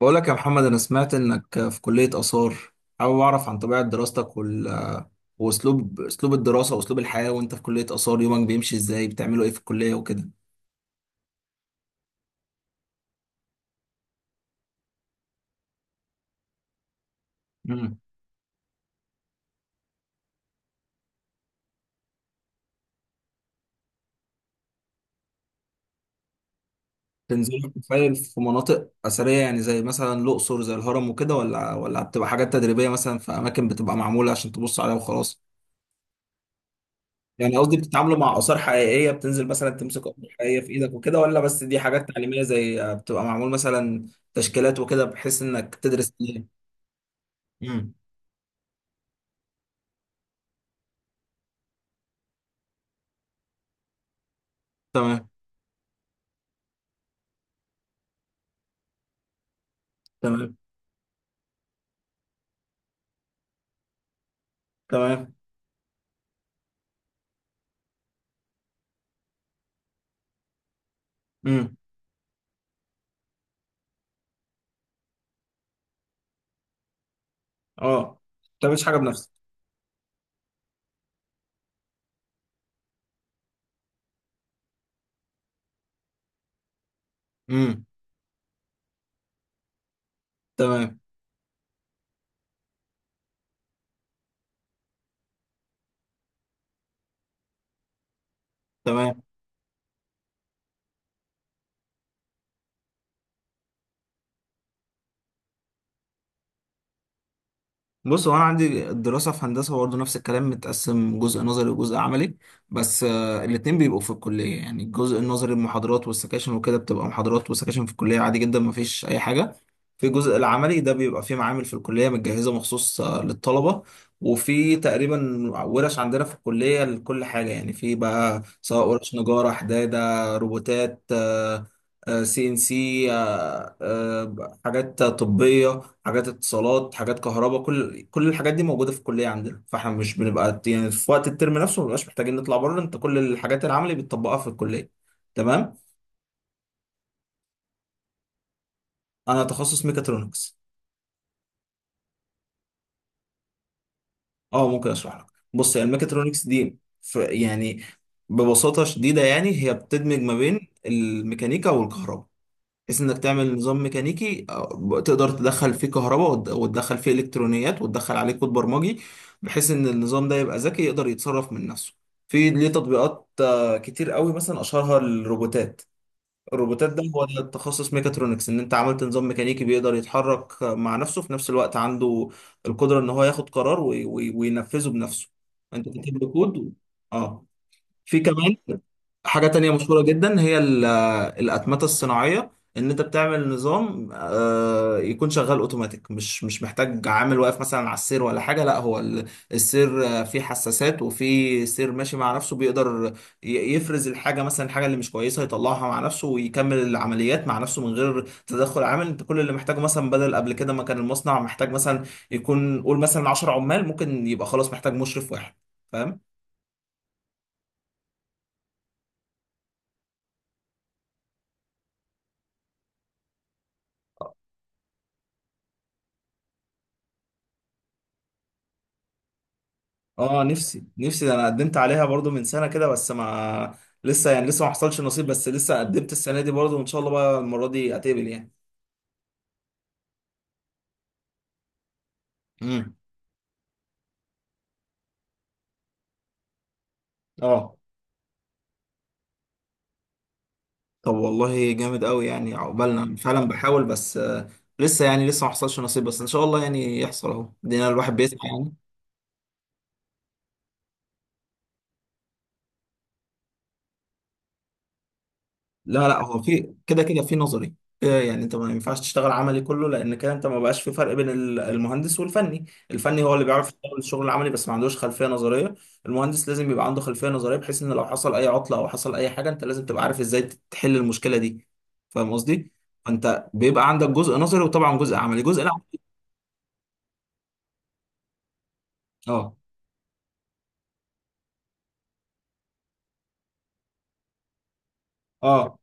بقولك يا محمد، أنا سمعت إنك في كلية آثار. حابب أعرف عن طبيعة دراستك وأسلوب الدراسة وأسلوب الحياة. وأنت في كلية آثار يومك بيمشي إزاي؟ بتعملوا إيه في الكلية وكده؟ امم تنزلوا تتفاعل في مناطق أثرية يعني زي مثلا الأقصر زي الهرم وكده، ولا بتبقى حاجات تدريبية مثلا في أماكن بتبقى معمولة عشان تبص عليها وخلاص؟ يعني قصدي بتتعاملوا مع آثار حقيقية، بتنزل مثلا تمسك آثار حقيقية في إيدك وكده، ولا بس دي حاجات تعليمية زي بتبقى معمول مثلا تشكيلات وكده بحيث إنك تدرس ليه؟ امم. تمام، تمام، تمام. امم. اه، ما بتعملش حاجه بنفسك. امم. تمام، تمام. بص، هو انا عندي الدراسه في هندسه برضه نفس الكلام، متقسم جزء نظري وجزء عملي، بس الاتنين بيبقوا في الكليه. يعني الجزء النظري المحاضرات والسكاشن وكده، بتبقى محاضرات وسكاشن في الكليه عادي جدا، مفيش اي حاجه. في الجزء العملي ده بيبقى فيه معامل في الكليه متجهزه مخصوص للطلبه، وفي تقريبا ورش عندنا في الكليه لكل حاجه. يعني في بقى سواء ورش نجاره، حداده، روبوتات، CNC، حاجات طبيه، حاجات اتصالات، حاجات كهرباء. كل الحاجات دي موجوده في الكليه عندنا، فاحنا مش بنبقى يعني في وقت الترم نفسه ما بنبقاش محتاجين نطلع بره. انت كل الحاجات العملي بتطبقها في الكليه. تمام. انا تخصص ميكاترونكس. اه، ممكن اشرح لك. بص، يعني الميكاترونكس دي في يعني ببساطه شديده يعني هي بتدمج ما بين الميكانيكا والكهرباء، بحيث انك تعمل نظام ميكانيكي تقدر تدخل فيه كهرباء وتدخل فيه الكترونيات وتدخل عليه كود برمجي، بحيث ان النظام ده يبقى ذكي يقدر يتصرف من نفسه. في ليه تطبيقات كتير قوي، مثلا اشهرها الروبوتات. الروبوتات ده هو ده التخصص ميكاترونكس، ان انت عملت نظام ميكانيكي بيقدر يتحرك مع نفسه، في نفس الوقت عنده القدرة ان هو ياخد قرار وينفذه بنفسه. انت كاتب له كود اه. في كمان حاجة تانية مشهورة جدا هي الأتمتة الصناعية، إن أنت بتعمل نظام يكون شغال أوتوماتيك، مش محتاج عامل واقف مثلا على السير ولا حاجة. لا، هو السير فيه حساسات وفيه سير ماشي مع نفسه، بيقدر يفرز الحاجة، مثلا الحاجة اللي مش كويسة يطلعها مع نفسه ويكمل العمليات مع نفسه من غير تدخل عامل. أنت كل اللي محتاجه مثلا، بدل قبل كده ما كان المصنع محتاج مثلا يكون، قول مثلا، 10 عمال، ممكن يبقى خلاص محتاج مشرف واحد. فاهم؟ اه، نفسي، نفسي. ده انا قدمت عليها برضو من سنه كده، بس ما لسه يعني لسه ما حصلش نصيب، بس لسه قدمت السنه دي برضو، وان شاء الله بقى المره دي اتقبل يعني. امم. اه، طب والله جامد قوي يعني، عقبالنا. أنا فعلا بحاول بس لسه يعني لسه ما حصلش نصيب، بس ان شاء الله يعني يحصل اهو، دينا الواحد بيسعى. لا لا، هو في كده كده في نظري يعني انت ما ينفعش تشتغل عملي كله، لان كده انت ما بقاش في فرق بين المهندس والفني. الفني هو اللي بيعرف يشتغل الشغل العملي بس ما عندوش خلفية نظرية. المهندس لازم يبقى عنده خلفية نظرية، بحيث ان لو حصل اي عطلة او حصل اي حاجة انت لازم تبقى عارف ازاي تحل المشكلة دي. فاهم قصدي؟ فانت بيبقى عندك جزء نظري وطبعا جزء عملي. جزء لا، اه اه،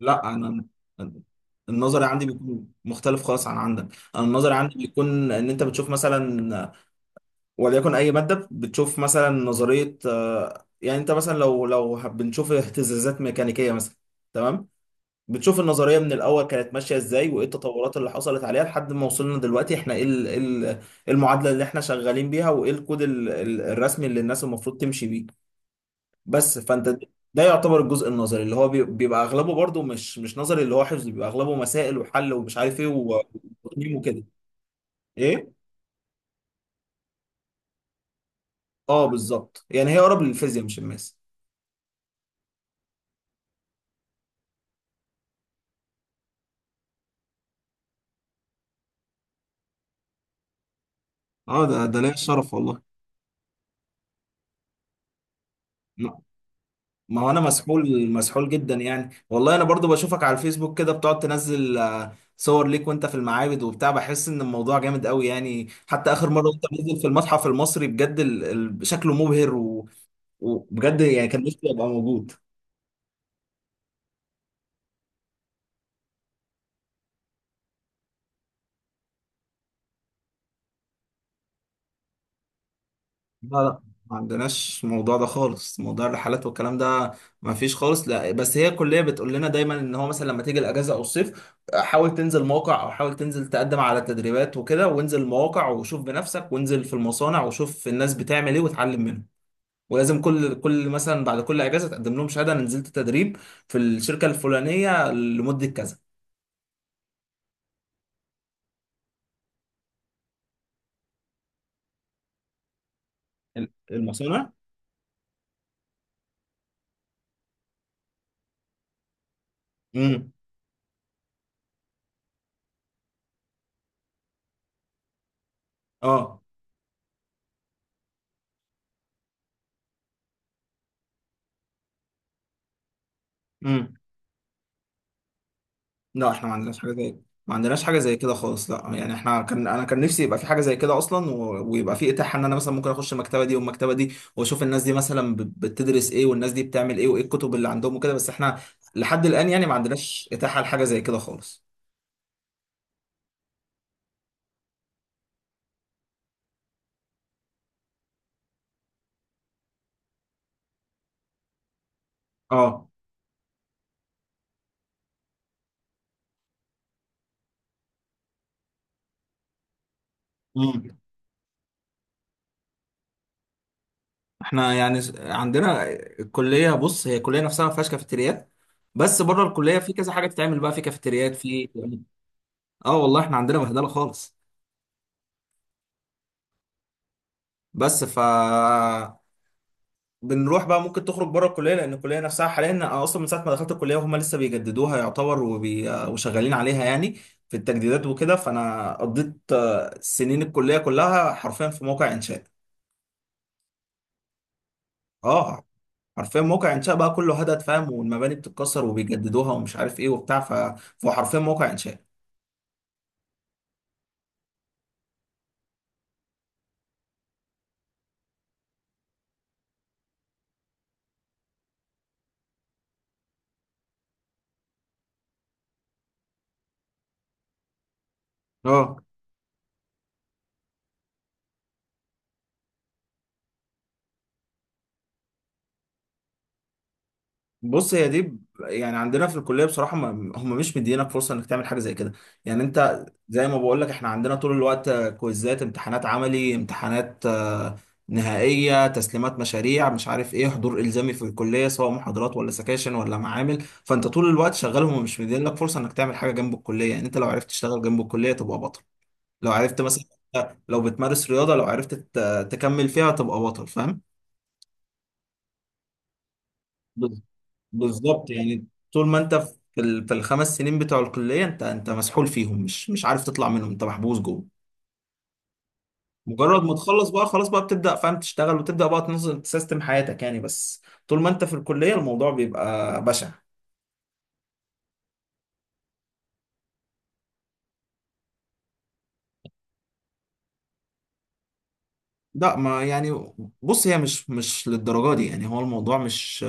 لا. انا النظري عندي بيكون مختلف خالص عن عندك. انا النظري عندي بيكون ان انت بتشوف مثلا، وليكن اي ماده بتشوف مثلا نظريه يعني انت مثلا لو بنشوف اهتزازات ميكانيكيه مثلا، تمام، بتشوف النظريه من الاول كانت ماشيه ازاي، وايه التطورات اللي حصلت عليها لحد ما وصلنا دلوقتي، احنا ايه ال- إيه ال- إيه المعادله اللي احنا شغالين بيها، وايه الكود الرسمي اللي الناس المفروض تمشي بيه. بس فانت ده يعتبر الجزء النظري، اللي هو بيبقى اغلبه برضو مش نظري اللي هو حفظ، بيبقى اغلبه مسائل وحل ومش عارف ايه وتقييم وكده. ايه. اه، بالظبط. يعني هي اقرب للفيزياء مش الماس. اه، ده ليا الشرف والله. ما ما هو انا مسحول، مسحول جدا يعني، والله. انا برضو بشوفك على الفيسبوك كده، بتقعد تنزل صور ليك وانت في المعابد وبتاع، بحس ان الموضوع جامد قوي يعني. حتى اخر مره وانت نزل في المتحف المصري، بجد شكله مبهر وبجد يعني كان نفسي ابقى موجود. لا لا، ما عندناش الموضوع ده خالص، موضوع الرحلات والكلام ده ما فيش خالص. لا، بس هي الكليه بتقول لنا دايما ان هو مثلا لما تيجي الاجازه او الصيف حاول تنزل موقع، او حاول تنزل تقدم على تدريبات وكده، وانزل المواقع وشوف بنفسك، وانزل في المصانع وشوف الناس بتعمل ايه وتعلم منهم. ولازم كل مثلا بعد كل اجازه تقدم لهم شهاده انا نزلت تدريب في الشركه الفلانيه لمده كذا. المصانع. امم. اه، لا احنا ما عندناش حاجه زي كده خالص. لا يعني احنا كان انا كان نفسي يبقى في حاجه زي كده اصلا، ويبقى في اتاحه ان انا مثلا ممكن اخش المكتبه دي والمكتبه دي واشوف الناس دي مثلا بتدرس ايه، والناس دي بتعمل ايه، وايه الكتب اللي عندهم وكده. بس احنا لحد الان يعني ما عندناش اتاحه لحاجه زي كده خالص. اه. امم. احنا يعني عندنا الكليه، بص هي الكليه نفسها ما فيهاش كافيتريات، بس بره الكليه في كذا حاجه بتتعمل بقى، في كافيتريات، في يعني. اه والله، احنا عندنا بهدله خالص. بس بنروح بقى، ممكن تخرج بره الكليه. لان الكليه نفسها حاليا، انا اصلا من ساعه ما دخلت الكليه وهم لسه بيجددوها يعتبر، وبي... آه، وشغالين عليها يعني في التجديدات وكده، فانا قضيت سنين الكليه كلها حرفيا في موقع انشاء. اه، حرفيا موقع انشاء بقى، كله هدد، فاهم، والمباني بتتكسر وبيجددوها ومش عارف ايه وبتاع، فهو حرفيا موقع انشاء. اه، بص هي دي يعني عندنا في الكليه بصراحه، ما هم مش مدينك فرصه انك تعمل حاجه زي كده. يعني انت زي ما بقول لك، احنا عندنا طول الوقت كويزات، امتحانات عملي، امتحانات نهائيه، تسليمات مشاريع، مش عارف ايه، حضور الزامي في الكليه سواء محاضرات ولا سكاشن ولا معامل. فانت طول الوقت شغال، هم مش مدين لك فرصه انك تعمل حاجه جنب الكليه. يعني انت لو عرفت تشتغل جنب الكليه تبقى بطل، لو عرفت مثلا، لو بتمارس رياضه لو عرفت تكمل فيها تبقى بطل. فاهم؟ بالظبط يعني. طول ما انت في الخمس سنين بتوع الكليه انت مسحول فيهم مش عارف تطلع منهم، انت محبوس جوه. مجرد ما تخلص بقى خلاص بقى بتبدا، فاهم، تشتغل وتبدا بقى تنظم تسيستم حياتك يعني، بس طول ما انت في الكليه الموضوع بيبقى بشع. لا ما يعني، بص هي مش للدرجه دي، يعني هو الموضوع مش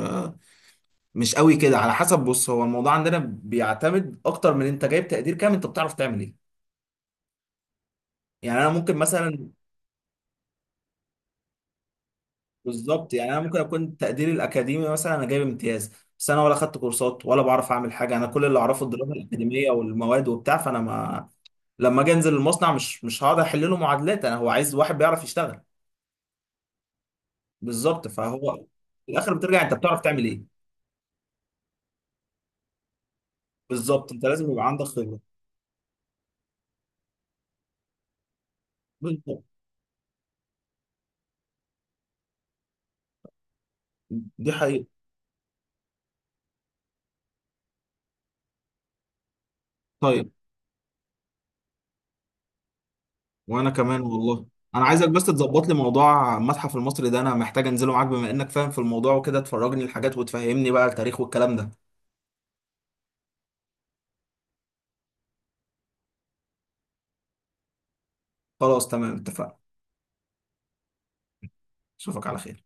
مش قوي كده، على حسب. بص هو الموضوع عندنا بيعتمد اكتر من انت جايب تقدير كام، انت بتعرف تعمل ايه. يعني انا ممكن مثلا، بالظبط، يعني انا ممكن اكون تقديري الاكاديمي مثلا انا جايب امتياز، بس انا ولا خدت كورسات ولا بعرف اعمل حاجه. انا كل اللي اعرفه الدراسه الاكاديميه والمواد وبتاع، فانا ما لما اجي انزل المصنع مش هقعد احل له معادلات، انا هو عايز واحد بيعرف يشتغل. بالظبط فهو في الاخر بترجع انت بتعرف تعمل ايه. بالظبط، انت لازم يبقى عندك خبره. بالظبط، دي حقيقه. طيب، وانا كمان والله. انا عايزك بس تظبط لي موضوع المتحف المصري ده، انا محتاج انزله معاك بما انك فاهم في الموضوع وكده، تفرجني الحاجات وتفهمني بقى التاريخ والكلام ده. خلاص تمام، اتفقنا. اشوفك على خير.